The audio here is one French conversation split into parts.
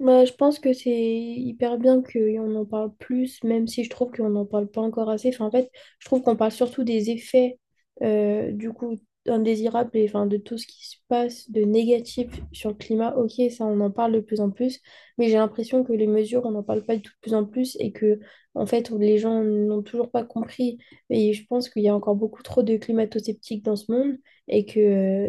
Bah, je pense que c'est hyper bien qu'on en parle plus, même si je trouve qu'on n'en parle pas encore assez. Enfin, en fait, je trouve qu'on parle surtout des effets du coup indésirables et enfin, de tout ce qui se passe de négatif sur le climat. Ok, ça, on en parle de plus en plus, mais j'ai l'impression que les mesures, on n'en parle pas de tout de plus en plus et que, en fait, les gens n'ont toujours pas compris. Et je pense qu'il y a encore beaucoup trop de climato-sceptiques dans ce monde et que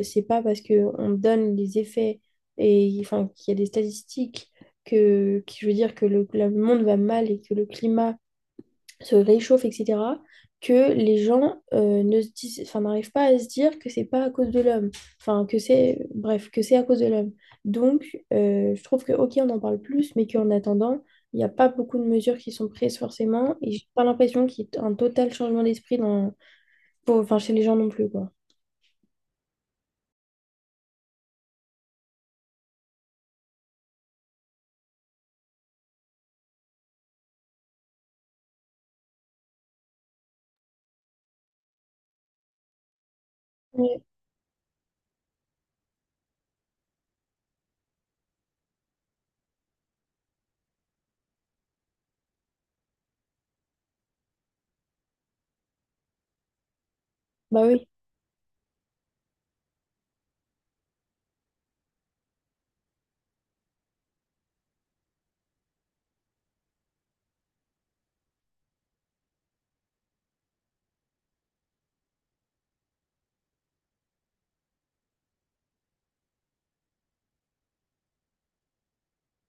c'est pas parce qu'on donne les effets et enfin, qu'il y a des statistiques que je veux dire que le monde va mal et que le climat se réchauffe, etc., que les gens ne se disent, enfin, n'arrivent pas à se dire que c'est pas à cause de l'homme, enfin, que c'est, bref, que c'est à cause de l'homme. Donc, je trouve que, ok, on en parle plus, mais qu'en attendant, il n'y a pas beaucoup de mesures qui sont prises forcément, et j'ai pas l'impression qu'il y ait un total changement d'esprit dans, pour, enfin, chez les gens non plus, quoi. Oui. Bah oui,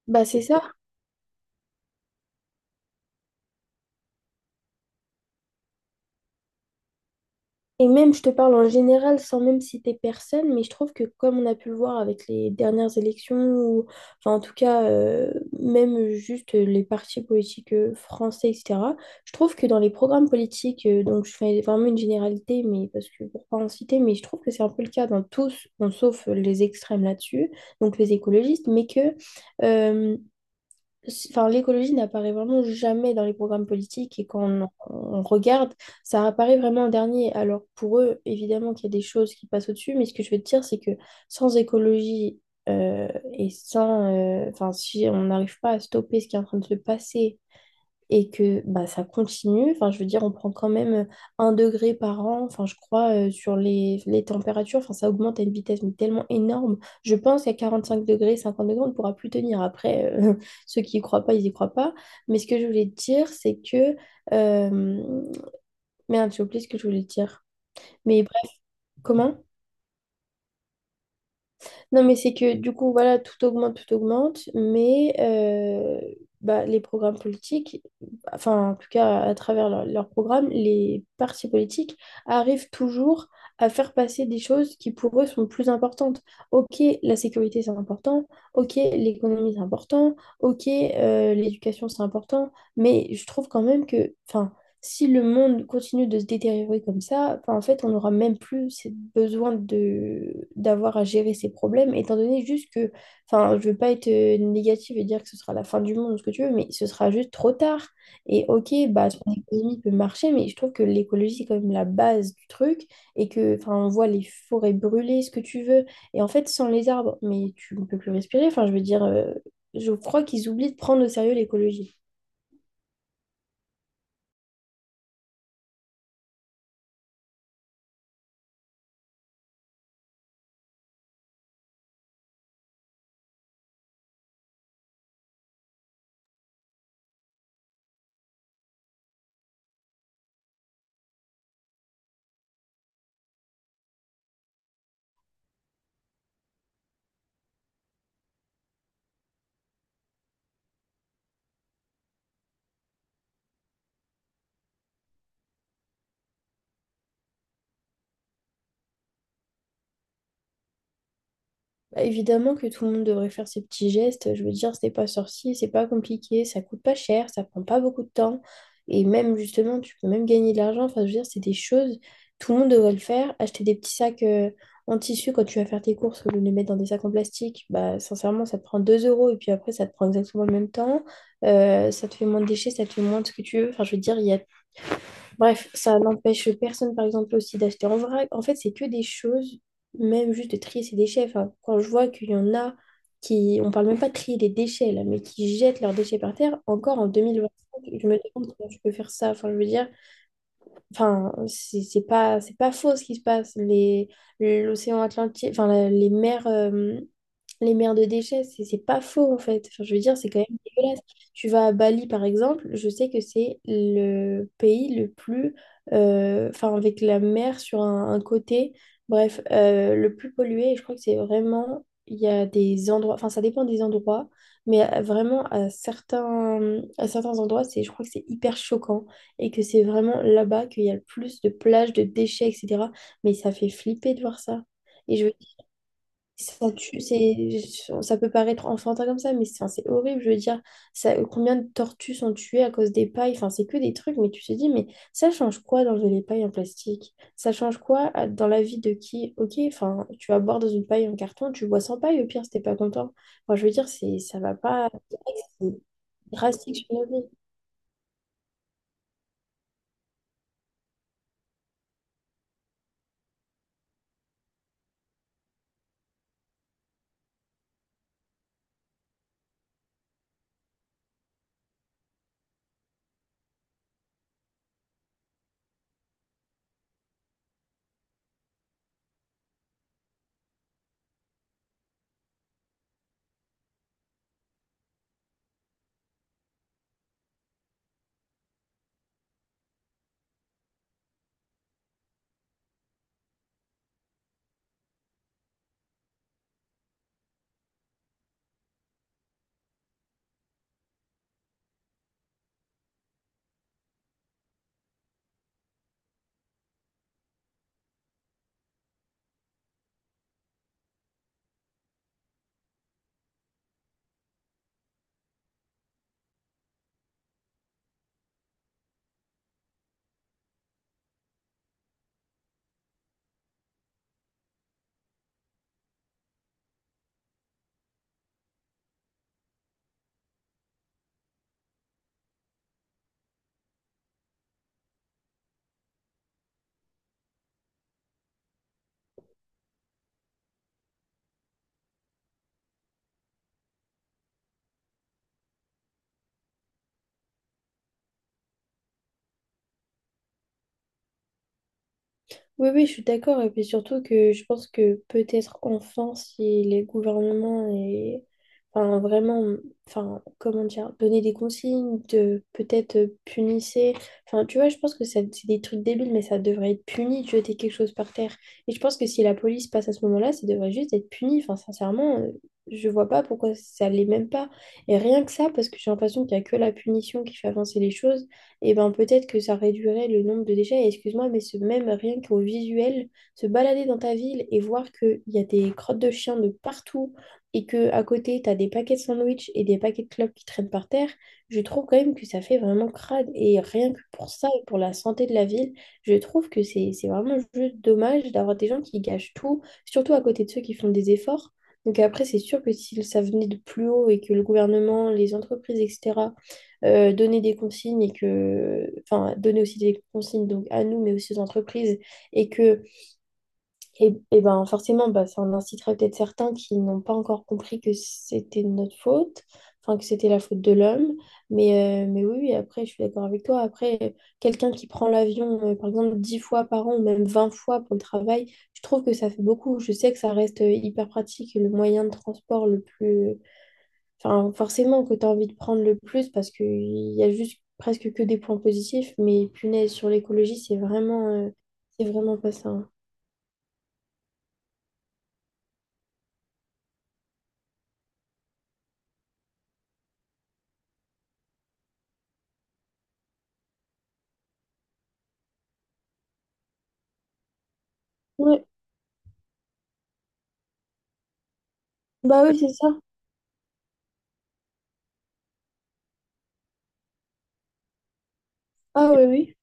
bah c'est ça. Et même, je te parle en général sans même citer personne, mais je trouve que comme on a pu le voir avec les dernières élections, ou enfin en tout cas même juste les partis politiques français, etc., je trouve que dans les programmes politiques, donc je fais vraiment une généralité, mais parce que pour pas en citer, mais je trouve que c'est un peu le cas dans tous, bon, sauf les extrêmes là-dessus, donc les écologistes, mais que euh, c'est- Enfin, l'écologie n'apparaît vraiment jamais dans les programmes politiques et quand on regarde, ça apparaît vraiment en dernier. Alors pour eux, évidemment qu'il y a des choses qui passent au-dessus, mais ce que je veux te dire, c'est que sans écologie euh, et sans... Enfin, si on n'arrive pas à stopper ce qui est en train de se passer et que bah, ça continue. Enfin, je veux dire, on prend quand même un degré par an, enfin, je crois, sur les températures. Enfin, ça augmente à une vitesse mais tellement énorme. Je pense qu'à 45 degrés, 50 degrés, on ne pourra plus tenir. Après, ceux qui y croient pas, ils y croient pas. Mais ce que je voulais te dire, c'est que... euh, Merde, j'ai oublié ce que je voulais te dire. Mais bref, comment? Non, mais c'est que du coup, voilà, tout augmente, mais bah, les programmes politiques, enfin, en tout cas, à travers leur- leurs programmes, les partis politiques arrivent toujours à faire passer des choses qui pour eux sont plus importantes. Ok, la sécurité, c'est important, ok, l'économie, c'est important, ok, l'éducation, c'est important, mais je trouve quand même que, enfin, si le monde continue de se détériorer comme ça, enfin, en fait, on n'aura même plus ce besoin de d'avoir à gérer ces problèmes, étant donné juste que, enfin, je veux pas être négative et dire que ce sera la fin du monde ou ce que tu veux, mais ce sera juste trop tard. Et ok, bah, ton économie peut marcher, mais je trouve que l'écologie, c'est quand même la base du truc, et que, enfin, on voit les forêts brûler, ce que tu veux, et en fait, sans les arbres, mais tu ne peux plus respirer, enfin, je veux dire, je crois qu'ils oublient de prendre au sérieux l'écologie. Bah, évidemment que tout le monde devrait faire ces petits gestes. Je veux dire, c'est pas sorcier, c'est pas compliqué, ça coûte pas cher, ça prend pas beaucoup de temps. Et même, justement, tu peux même gagner de l'argent. Enfin, je veux dire, c'est des choses, tout le monde devrait le faire. Acheter des petits sacs en tissu quand tu vas faire tes courses, au lieu de les mettre dans des sacs en plastique, bah, sincèrement, ça te prend 2 € et puis après, ça te prend exactement le même temps. Ça te fait moins de déchets, ça te fait moins de ce que tu veux. Enfin, je veux dire, il y a Bref, ça n'empêche personne, par exemple, aussi d'acheter en vrac. En fait, c'est que des choses, même juste de trier ses déchets. Enfin, quand je vois qu'il y en a qui, on parle même pas de trier des déchets, là, mais qui jettent leurs déchets par terre, encore en 2025, je me demande comment je peux faire ça. Enfin, je veux dire, Enfin, c'est pas, c'est pas faux ce qui se passe. Les, l'océan Atlantique, enfin, la- les mers de déchets, c'est pas faux en fait. Enfin, je veux dire, c'est quand même dégueulasse. Tu vas à Bali par exemple, je sais que c'est le pays le plus, enfin, avec la mer sur un côté, bref, le plus pollué. Et je crois que c'est vraiment, il y a des endroits, enfin, ça dépend des endroits, mais vraiment à certains endroits, c'est, je crois que c'est hyper choquant et que c'est vraiment là-bas qu'il y a le plus de plages, de déchets, etc. Mais ça fait flipper de voir ça. Et je veux dire, ça, tue- c'est, ça peut paraître enfantin comme ça, mais c'est enfin, c'est horrible. Je veux dire, ça, combien de tortues sont tuées à cause des pailles? Enfin, c'est que des trucs, mais tu te dis, mais ça change quoi d'enlever les pailles en plastique? Ça change quoi à- dans la vie de qui? Ok, enfin, tu vas boire dans une paille en carton, tu bois sans paille, au pire, si t'es pas content. Moi, je veux dire, c'est, ça va pas, c'est drastique sur la vie. Oui, oui, je suis d'accord. Et puis surtout que je pense que peut-être enfin, si les gouvernements et enfin, vraiment, enfin, comment dire, donner des consignes, de peut-être punissez. Enfin, tu vois, je pense que ça- c'est des trucs débiles, mais ça devrait être puni de jeter quelque chose par terre. Et je pense que si la police passe à ce moment-là, ça devrait juste être puni. Enfin, sincèrement, je vois pas pourquoi ça l'est même pas. Et rien que ça, parce que j'ai l'impression qu'il y a que la punition qui fait avancer les choses et ben peut-être que ça réduirait le nombre de déchets. Et excuse-moi, mais ce même rien qu'au visuel, se balader dans ta ville et voir qu'il y a des crottes de chiens de partout et que à côté, tu as des paquets de sandwich et des paquets de clopes qui traînent par terre, je trouve quand même que ça fait vraiment crade. Et rien que pour ça et pour la santé de la ville, je trouve que c'est vraiment juste dommage d'avoir des gens qui gâchent tout, surtout à côté de ceux qui font des efforts. Donc après, c'est sûr que si ça venait de plus haut et que le gouvernement, les entreprises, etc., donner des consignes et que, enfin, donner aussi des consignes donc à nous, mais aussi aux entreprises, et que, et ben forcément, bah, ça en incitera peut-être certains qui n'ont pas encore compris que c'était de notre faute, enfin que c'était la faute de l'homme. Mais oui, oui, après, je suis d'accord avec toi. Après, quelqu'un qui prend l'avion, par exemple, 10 fois par an ou même 20 fois pour le travail, je trouve que ça fait beaucoup. Je sais que ça reste hyper pratique, le moyen de transport le plus Enfin, forcément que tu as envie de prendre le plus parce qu'il y a juste presque que des points positifs, mais punaise, sur l'écologie, c'est vraiment pas ça. Hein. Ouais, bah oui, c'est ça. Ah oui, oui.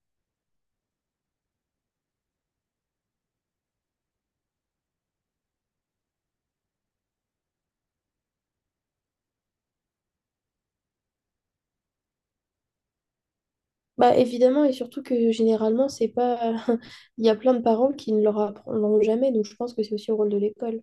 Bah évidemment, et surtout que généralement, c'est pas. Il y a plein de parents qui ne leur apprendront jamais, donc je pense que c'est aussi au rôle de l'école.